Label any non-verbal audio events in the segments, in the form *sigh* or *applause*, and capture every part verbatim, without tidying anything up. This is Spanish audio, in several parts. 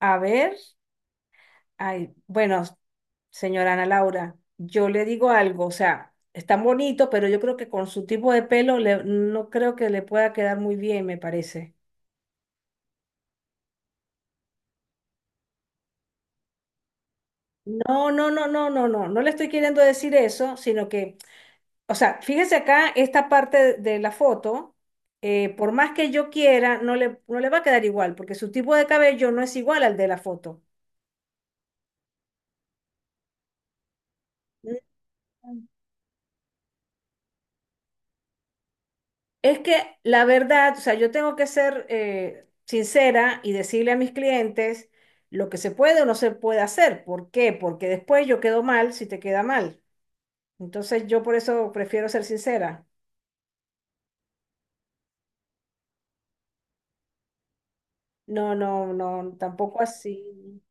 A ver, ay, bueno, señora Ana Laura, yo le digo algo, o sea, es tan bonito, pero yo creo que con su tipo de pelo le- no creo que le pueda quedar muy bien, me parece. No, no, no, no, no, no, no le estoy queriendo decir eso, sino que, o sea, fíjese acá esta parte de la foto, eh, por más que yo quiera, no le, no le va a quedar igual, porque su tipo de cabello no es igual al de la foto. Es que la verdad, o sea, yo tengo que ser eh, sincera y decirle a mis clientes lo que se puede o no se puede hacer. ¿Por qué? Porque después yo quedo mal si te queda mal. Entonces yo por eso prefiero ser sincera. No, no, no, tampoco así.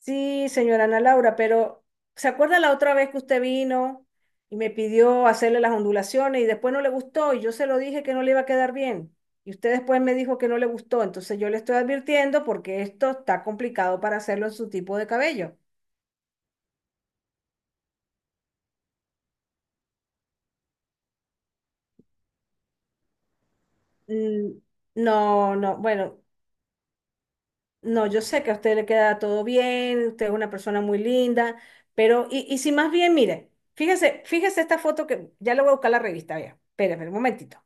Sí, señora Ana Laura, pero ¿se acuerda la otra vez que usted vino y me pidió hacerle las ondulaciones y después no le gustó y yo se lo dije que no le iba a quedar bien? Y usted después me dijo que no le gustó, entonces yo le estoy advirtiendo porque esto está complicado para hacerlo en su tipo de cabello. Mm. No, no, bueno, no, yo sé que a usted le queda todo bien, usted es una persona muy linda, pero y, y si más bien, mire, fíjese, fíjese esta foto que ya le voy a buscar la revista, vea, espérame un momentito.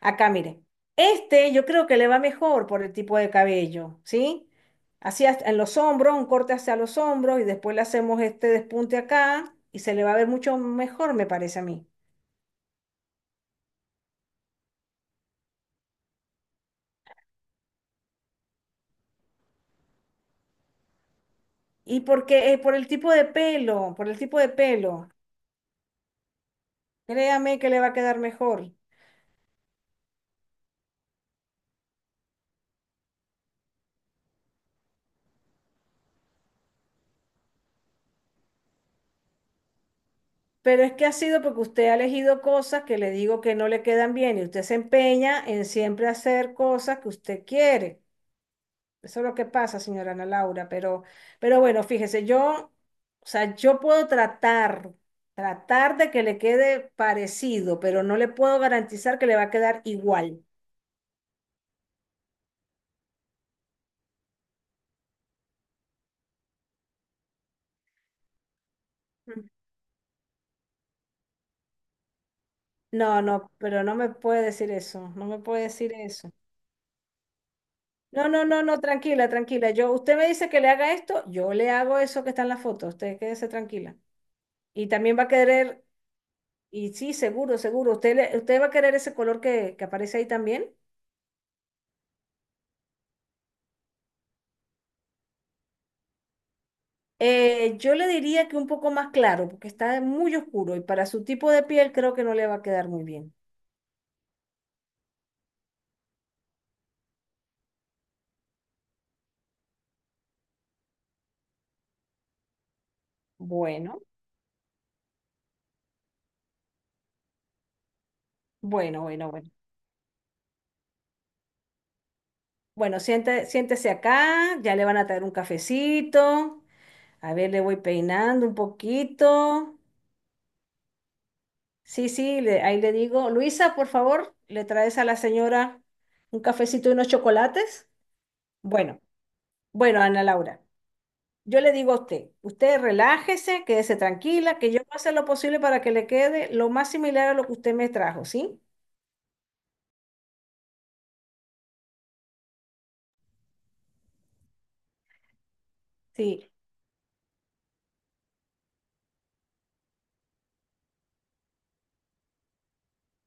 Acá, mire. Este yo creo que le va mejor por el tipo de cabello, ¿sí? Así hasta- en los hombros, un corte hacia los hombros y después le hacemos este despunte acá y se le va a ver mucho mejor, me parece a mí. Y porque eh, por el tipo de pelo, por el tipo de pelo, créame que le va a quedar mejor. Pero es que ha sido porque usted ha elegido cosas que le digo que no le quedan bien y usted se empeña en siempre hacer cosas que usted quiere. Eso es lo que pasa, señora Ana Laura, pero, pero bueno, fíjese, yo, o sea, yo puedo tratar, tratar de que le quede parecido, pero no le puedo garantizar que le va a quedar igual. Mm. No, no, pero no me puede decir eso, no me puede decir eso. No, no, no, no, tranquila, tranquila. Yo, usted me dice que le haga esto, yo le hago eso que está en la foto, usted quédese tranquila. Y también va a querer, y sí, seguro, seguro, usted, le- usted va a querer ese color que, que aparece ahí también. Eh, yo le diría que un poco más claro, porque está muy oscuro y para su tipo de piel creo que no le va a quedar muy bien. Bueno, bueno, bueno, bueno. Bueno, siente- siéntese acá, ya le van a traer un cafecito. A ver, le voy peinando un poquito. Sí, sí, le- ahí le digo, Luisa, por favor, le traes a la señora un cafecito y unos chocolates. Bueno, bueno, Ana Laura. Yo le digo a usted, usted relájese, quédese tranquila, que yo voy a hacer lo posible para que le quede lo más similar a lo que usted me trajo, ¿sí? Sí.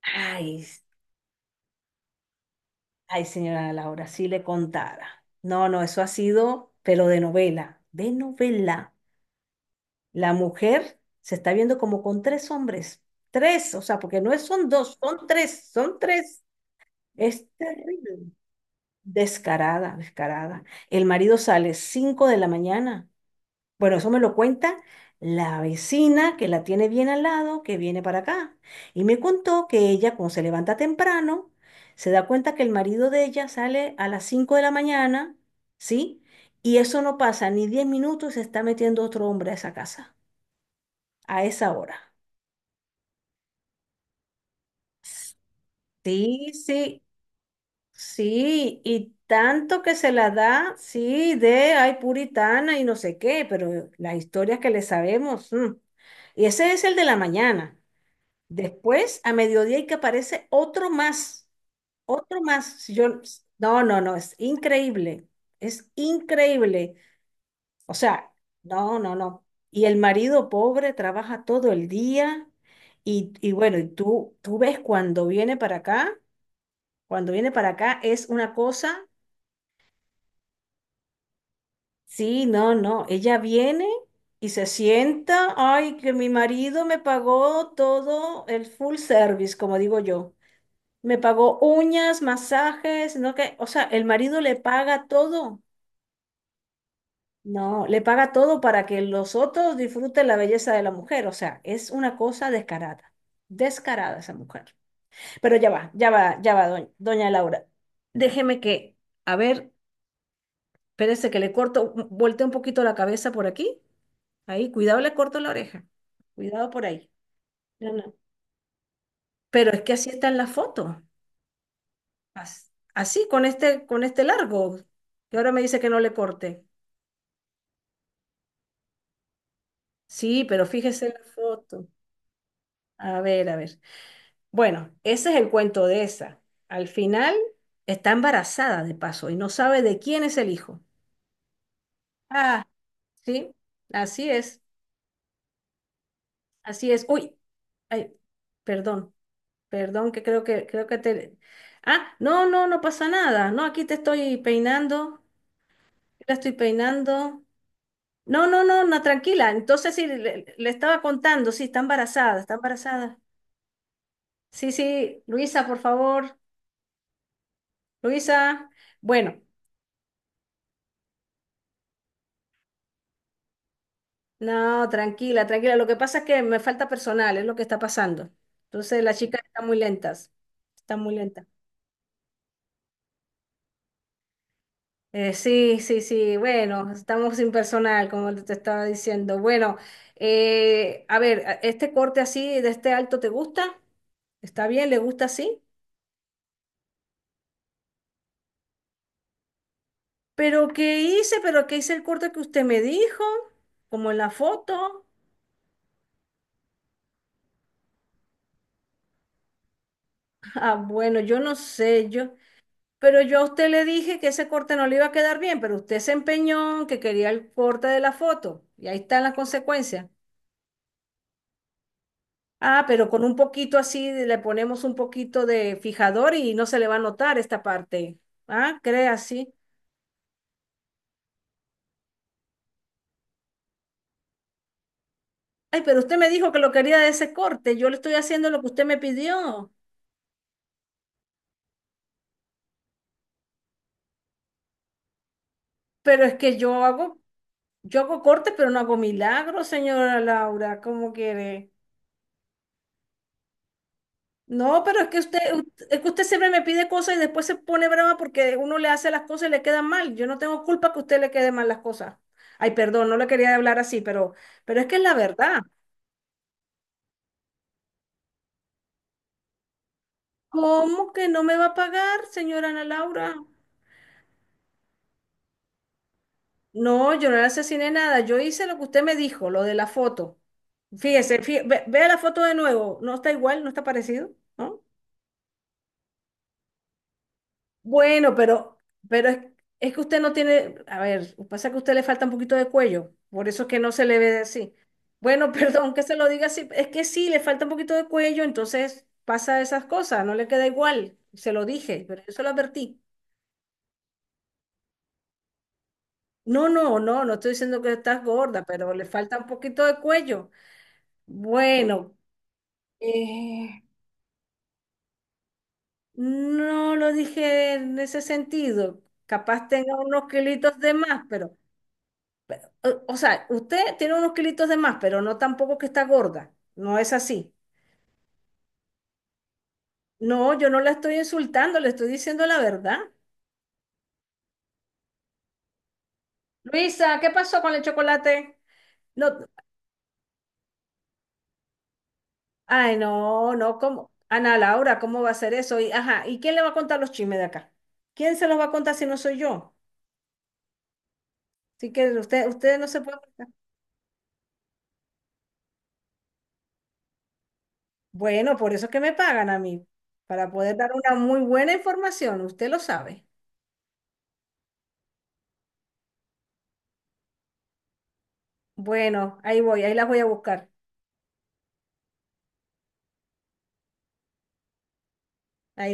Ay, s- ay, señora Laura, si le contara. No, no, eso ha sido, pero de novela, de novela. La mujer se está viendo como con tres hombres, tres, o sea, porque no es- son dos, son tres, son tres. Es terrible. Descarada, descarada. El marido sale cinco de la mañana. Bueno, eso me lo cuenta la vecina que la tiene bien al lado, que viene para acá. Y me contó que ella, cuando se levanta temprano, se da cuenta que el marido de ella sale a las cinco de la mañana, ¿sí? Y eso no pasa ni diez minutos y se está metiendo otro hombre a esa casa, a esa hora. Sí, sí, sí. Y tanto que se la da, sí, de ay puritana y no sé qué, pero las historias que le sabemos. Mm. Y ese es el de la mañana. Después, a mediodía, y que aparece otro más, otro más. Si yo, no, no, no, es increíble, es increíble. O sea, no, no, no. Y el marido pobre trabaja todo el día y, y bueno, y tú, tú ves cuando viene para acá, cuando viene para acá es una cosa, sí, no, no, ella viene y se sienta, ay, que mi marido me pagó todo el full service, como digo yo. Me pagó uñas, masajes, no que, o sea, el marido le paga todo. No, le paga todo para que los otros disfruten la belleza de la mujer. O sea, es una cosa descarada. Descarada esa mujer. Pero ya va, ya va, ya va, doña, doña Laura. Déjeme que, a ver, espérese que le corto, mm, volteo un poquito la cabeza por aquí. Ahí, cuidado, le corto la oreja. Cuidado por ahí. No, no. Pero es que así está en la foto. As- Así, con este, con este largo. Y ahora me dice que no le corte. Sí, pero fíjese en la foto. A ver, a ver. Bueno, ese es el cuento de esa. Al final está embarazada de paso y no sabe de quién es el hijo. Ah, sí, así es, así es. Uy, ay, perdón, perdón, que creo que creo que te. Ah, no, no, no pasa nada. No, aquí te estoy peinando, la estoy peinando. No, no, no, no, tranquila. Entonces sí, le, le estaba contando, sí, está embarazada, está embarazada. Sí, sí, Luisa, por favor. Luisa, bueno, no, tranquila, tranquila. Lo que pasa es que me falta personal, es lo que está pasando. Entonces, las chicas están muy lentas, están muy lentas. Eh, sí, sí, sí, bueno, estamos sin personal, como te estaba diciendo. Bueno, eh, a ver, a- este corte así, de este alto, ¿te gusta? Está bien, le gusta así. Pero ¿qué hice? Pero ¿qué hice el corte que usted me dijo? Como en la foto. *laughs* Ah, bueno, yo no sé, yo. Pero yo a usted le dije que ese corte no le iba a quedar bien, pero usted se empeñó en que quería el corte de la foto. Y ahí están las consecuencias. Ah, pero con un poquito así de- le ponemos un poquito de fijador y no se le va a notar esta parte. Ah, cree así. Ay, pero usted me dijo que lo quería de ese corte. Yo le estoy haciendo lo que usted me pidió. Pero es que yo hago, yo hago cortes, pero no hago milagros, señora Laura. ¿Cómo quiere? No, pero es que usted, es que usted, siempre me pide cosas y después se pone brava porque uno le hace las cosas y le quedan mal. Yo no tengo culpa que a usted le quede mal las cosas. Ay, perdón, no le quería hablar así, pero, pero es que es la verdad. ¿Cómo que no me va a pagar, señora Ana Laura? No, yo no le asesiné nada. Yo hice lo que usted me dijo, lo de la foto. Fíjese, fí- ve- vea la foto de nuevo. No está igual, no está parecido, ¿no? Bueno, pero, pero es, es que usted no tiene, a ver, pasa que a usted le falta un poquito de cuello, por eso es que no se le ve así. Bueno, *laughs* perdón que se lo diga así, es que sí, le falta un poquito de cuello, entonces pasa esas cosas, no le queda igual, se lo dije, pero yo se lo advertí. No, no, no, no estoy diciendo que estás gorda, pero le falta un poquito de cuello. Bueno, eh, no lo dije en ese sentido, capaz tenga unos kilitos de más, pero... O, o sea, usted tiene unos kilitos de más, pero no tampoco que está gorda. No es así. No, yo no la estoy insultando, le estoy diciendo la verdad. Luisa, ¿qué pasó con el chocolate? No, ay, no, no, ¿cómo? Ana Laura, ¿cómo va a ser eso? Y, ajá, ¿y quién le va a contar los chismes de acá? ¿Quién se los va a contar si no soy yo? Así que usted, ustedes no se puede. Bueno, por eso es que me pagan a mí, para poder dar una muy buena información, usted lo sabe. Bueno, ahí voy, ahí las voy a buscar. Ahí